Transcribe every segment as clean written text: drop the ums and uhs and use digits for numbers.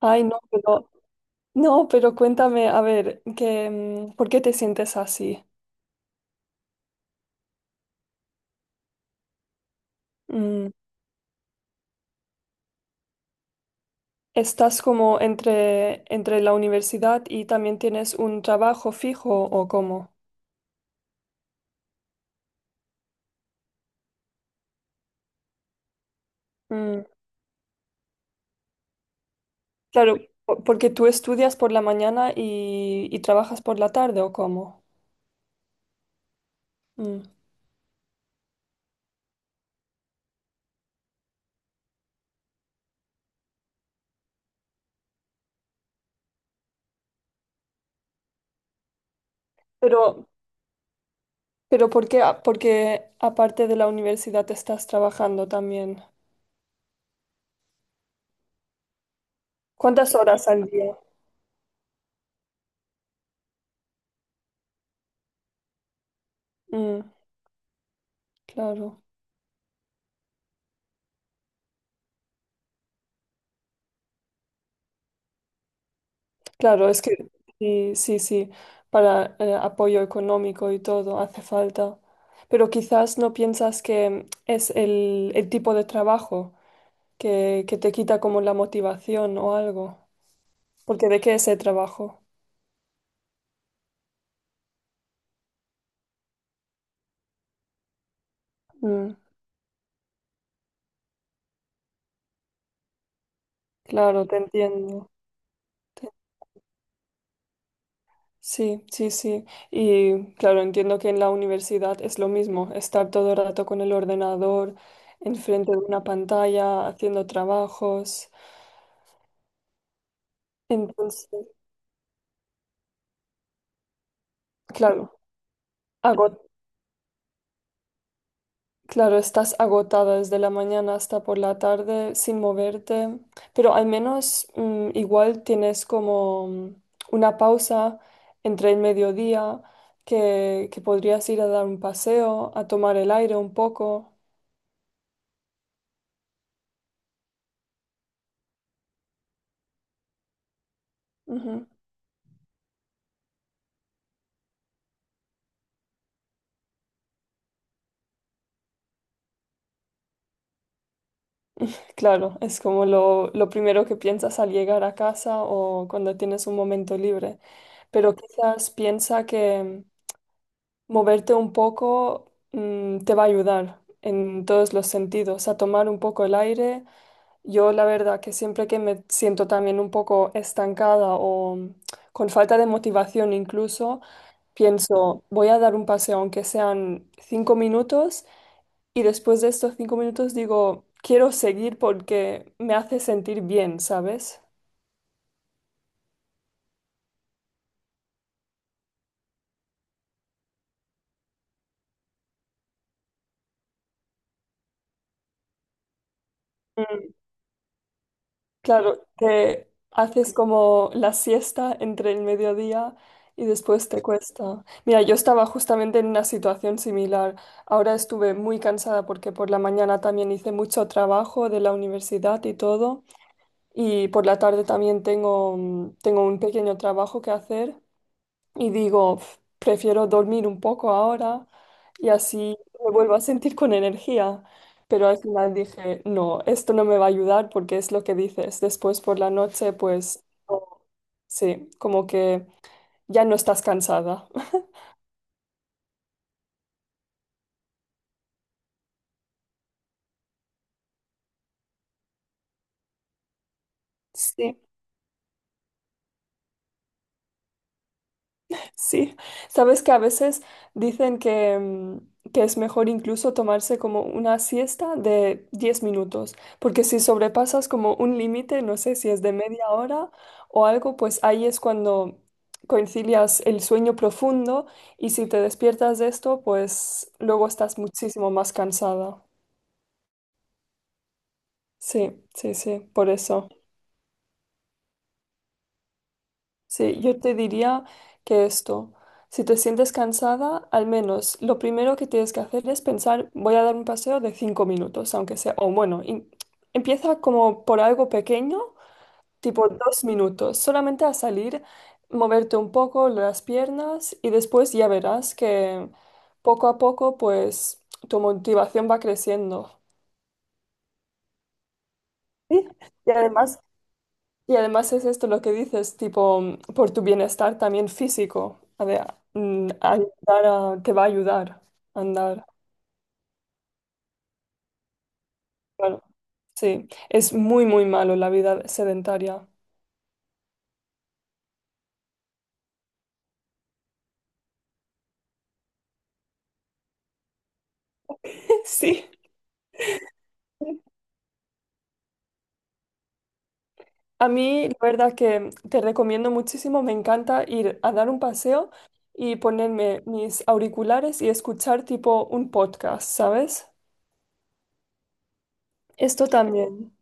Ay, no, pero, no, pero cuéntame, a ver, ¿por qué te sientes así? Mm, ¿Estás como entre la universidad y también tienes un trabajo fijo o cómo? Mm, claro, porque tú estudias por la mañana y trabajas por la tarde o cómo? Mm, pero, pero ¿por qué, porque aparte de la universidad estás trabajando también? ¿Cuántas horas al día? Mm, claro. Claro, es que sí, sí, sí, para apoyo económico y todo hace falta. Pero quizás no piensas que es el tipo de trabajo que te quita como la motivación o algo. Porque ¿de qué es el trabajo? Mm, claro, te entiendo. Te- Sí, sí, sí. Y claro, entiendo que en la universidad es lo mismo, estar todo el rato con el ordenador, enfrente de una pantalla, haciendo trabajos. Entonces, claro. Claro, estás agotada desde la mañana hasta por la tarde sin moverte, pero al menos igual tienes como una pausa entre el mediodía que podrías ir a dar un paseo, a tomar el aire un poco. Ujú. Claro, es como lo primero que piensas al llegar a casa o cuando tienes un momento libre, pero quizás piensa que moverte un poco te va a ayudar en todos los sentidos, a tomar un poco el aire. Yo la verdad que siempre que me siento también un poco estancada o con falta de motivación incluso, pienso, voy a dar un paseo aunque sean 5 minutos y después de estos 5 minutos digo, quiero seguir porque me hace sentir bien, ¿sabes? Claro, que haces como la siesta entre el mediodía y después te cuesta. Mira, yo estaba justamente en una situación similar. Ahora estuve muy cansada porque por la mañana también hice mucho trabajo de la universidad y todo. Y por la tarde también tengo un pequeño trabajo que hacer y digo, "Pf, prefiero dormir un poco ahora y así me vuelvo a sentir con energía". Pero al final dije, no, esto no me va a ayudar porque es lo que dices. Después por la noche, pues, no, sí, como que ya no estás cansada. Sí. Sí, sabes que a veces dicen que es mejor incluso tomarse como una siesta de 10 minutos, porque si sobrepasas como un límite, no sé si es de media hora o algo, pues ahí es cuando concilias el sueño profundo y si te despiertas de esto, pues luego estás muchísimo más cansada. Sí, sí, sí, por eso. Sí, yo te diría que esto, si te sientes cansada, al menos lo primero que tienes que hacer es pensar, voy a dar un paseo de 5 minutos, aunque sea, o bueno, empieza como por algo pequeño, tipo 2 minutos, solamente a salir, moverte un poco las piernas y después ya verás que poco a poco, pues, tu motivación va creciendo. Sí, y además, y además es esto lo que dices, tipo, por tu bienestar también físico, te va a ayudar a andar. Claro. Sí, es muy, muy malo la vida sedentaria. Sí, a mí la verdad que te recomiendo muchísimo, me encanta ir a dar un paseo y ponerme mis auriculares y escuchar tipo un podcast, ¿sabes? Esto también.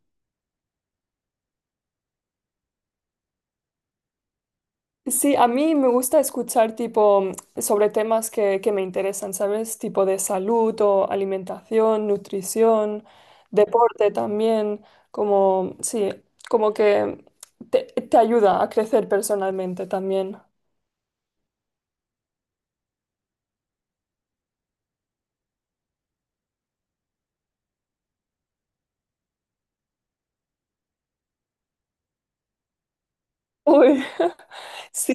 Sí, a mí me gusta escuchar tipo sobre temas que me interesan, ¿sabes? Tipo de salud o alimentación, nutrición, deporte también, como, sí, como que te ayuda a crecer personalmente también. Uy, sí,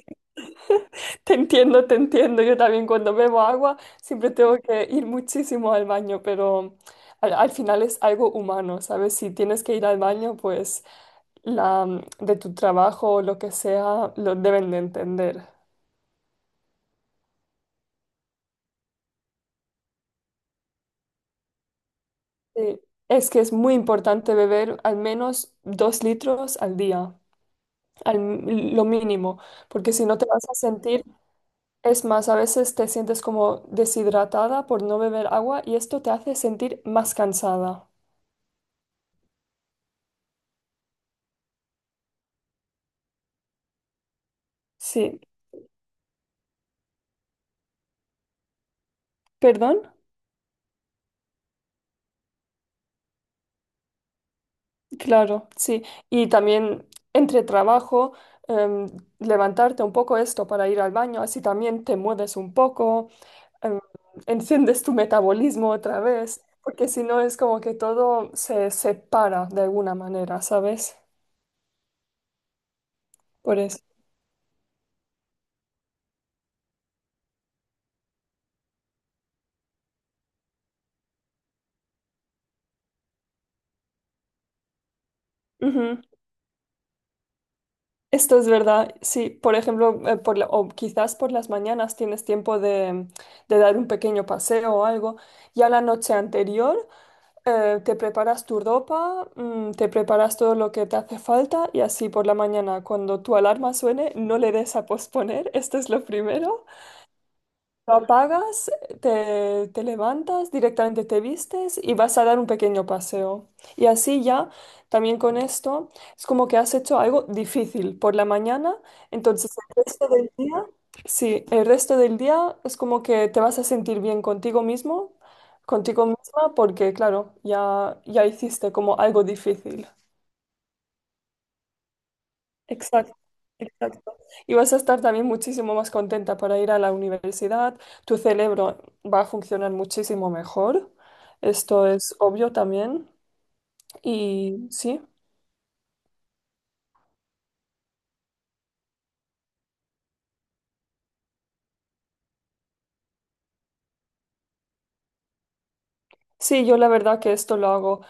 te entiendo, te entiendo. Yo también cuando bebo agua siempre tengo que ir muchísimo al baño, pero al final es algo humano, ¿sabes? Si tienes que ir al baño, pues de tu trabajo o lo que sea, lo deben de entender. Sí. Es que es muy importante beber al menos 2 litros al día, al, lo mínimo, porque si no te vas a sentir, es más, a veces te sientes como deshidratada por no beber agua y esto te hace sentir más cansada. Sí, perdón, claro, sí. Y también entre trabajo, em, levantarte un poco esto para ir al baño, así también te mueves un poco. em, enciendes tu metabolismo otra vez, porque si no es como que todo se separa de alguna manera, ¿sabes? Por eso. Ujú. Esto es verdad. Sí, por ejemplo, o quizás por las mañanas tienes tiempo de dar un pequeño paseo o algo. Ya la noche anterior te preparas tu ropa, te preparas todo lo que te hace falta y así por la mañana, cuando tu alarma suene, no le des a posponer. Esto es lo primero. Lo apagas, te levantas, directamente te vistes y vas a dar un pequeño paseo. Y así ya, también con esto, es como que has hecho algo difícil por la mañana, entonces el resto del día, sí, el resto del día es como que te vas a sentir bien contigo mismo, contigo misma, porque claro, ya hiciste como algo difícil. Exacto, exacto. Y vas a estar también muchísimo más contenta para ir a la universidad. Tu cerebro va a funcionar muchísimo mejor. Esto es obvio también. Y sí, sí, yo la verdad que esto lo hago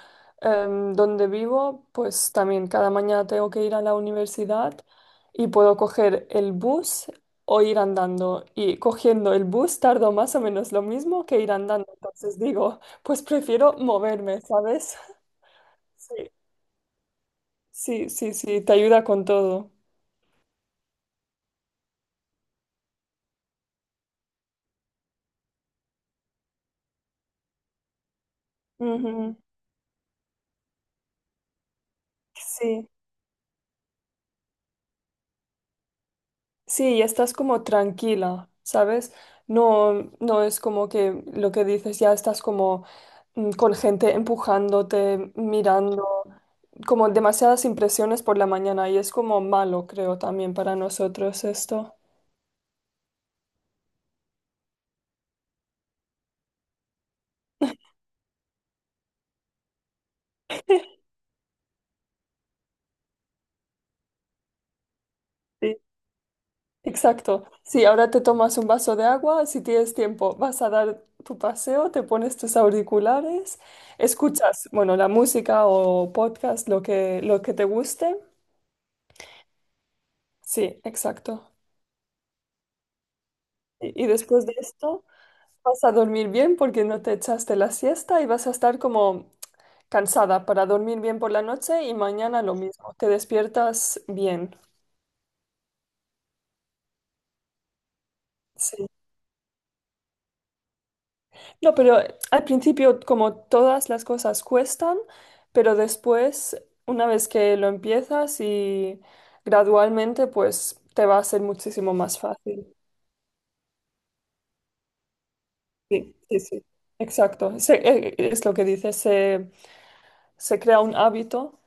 donde vivo, pues también cada mañana tengo que ir a la universidad y puedo coger el bus o ir andando. Y cogiendo el bus tardo más o menos lo mismo que ir andando. Entonces digo, pues prefiero moverme, ¿sabes? Sí. Sí, sí, sí, te ayuda con todo. Ujú. Sí, sí, y estás como tranquila, ¿sabes? No, no es como que lo que dices, ya estás como con gente empujándote, mirando, como demasiadas impresiones por la mañana y es como malo, creo, también para nosotros esto. Exacto. Sí, ahora te tomas un vaso de agua, si tienes tiempo, vas a dar tu paseo, te pones tus auriculares, escuchas, bueno, la música o podcast, lo que te guste. Sí, exacto. Y después de esto vas a dormir bien porque no te echaste la siesta y vas a estar como cansada para dormir bien por la noche y mañana lo mismo. Te despiertas bien. Sí. No, pero al principio como todas las cosas cuestan, pero después, una vez que lo empiezas y gradualmente, pues te va a ser muchísimo más fácil. Sí, sí, sí. Exacto. Es lo que dice, se crea un hábito.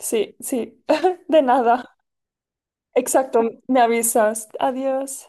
Sí, sí, de nada. Exacto, me avisas. Adiós.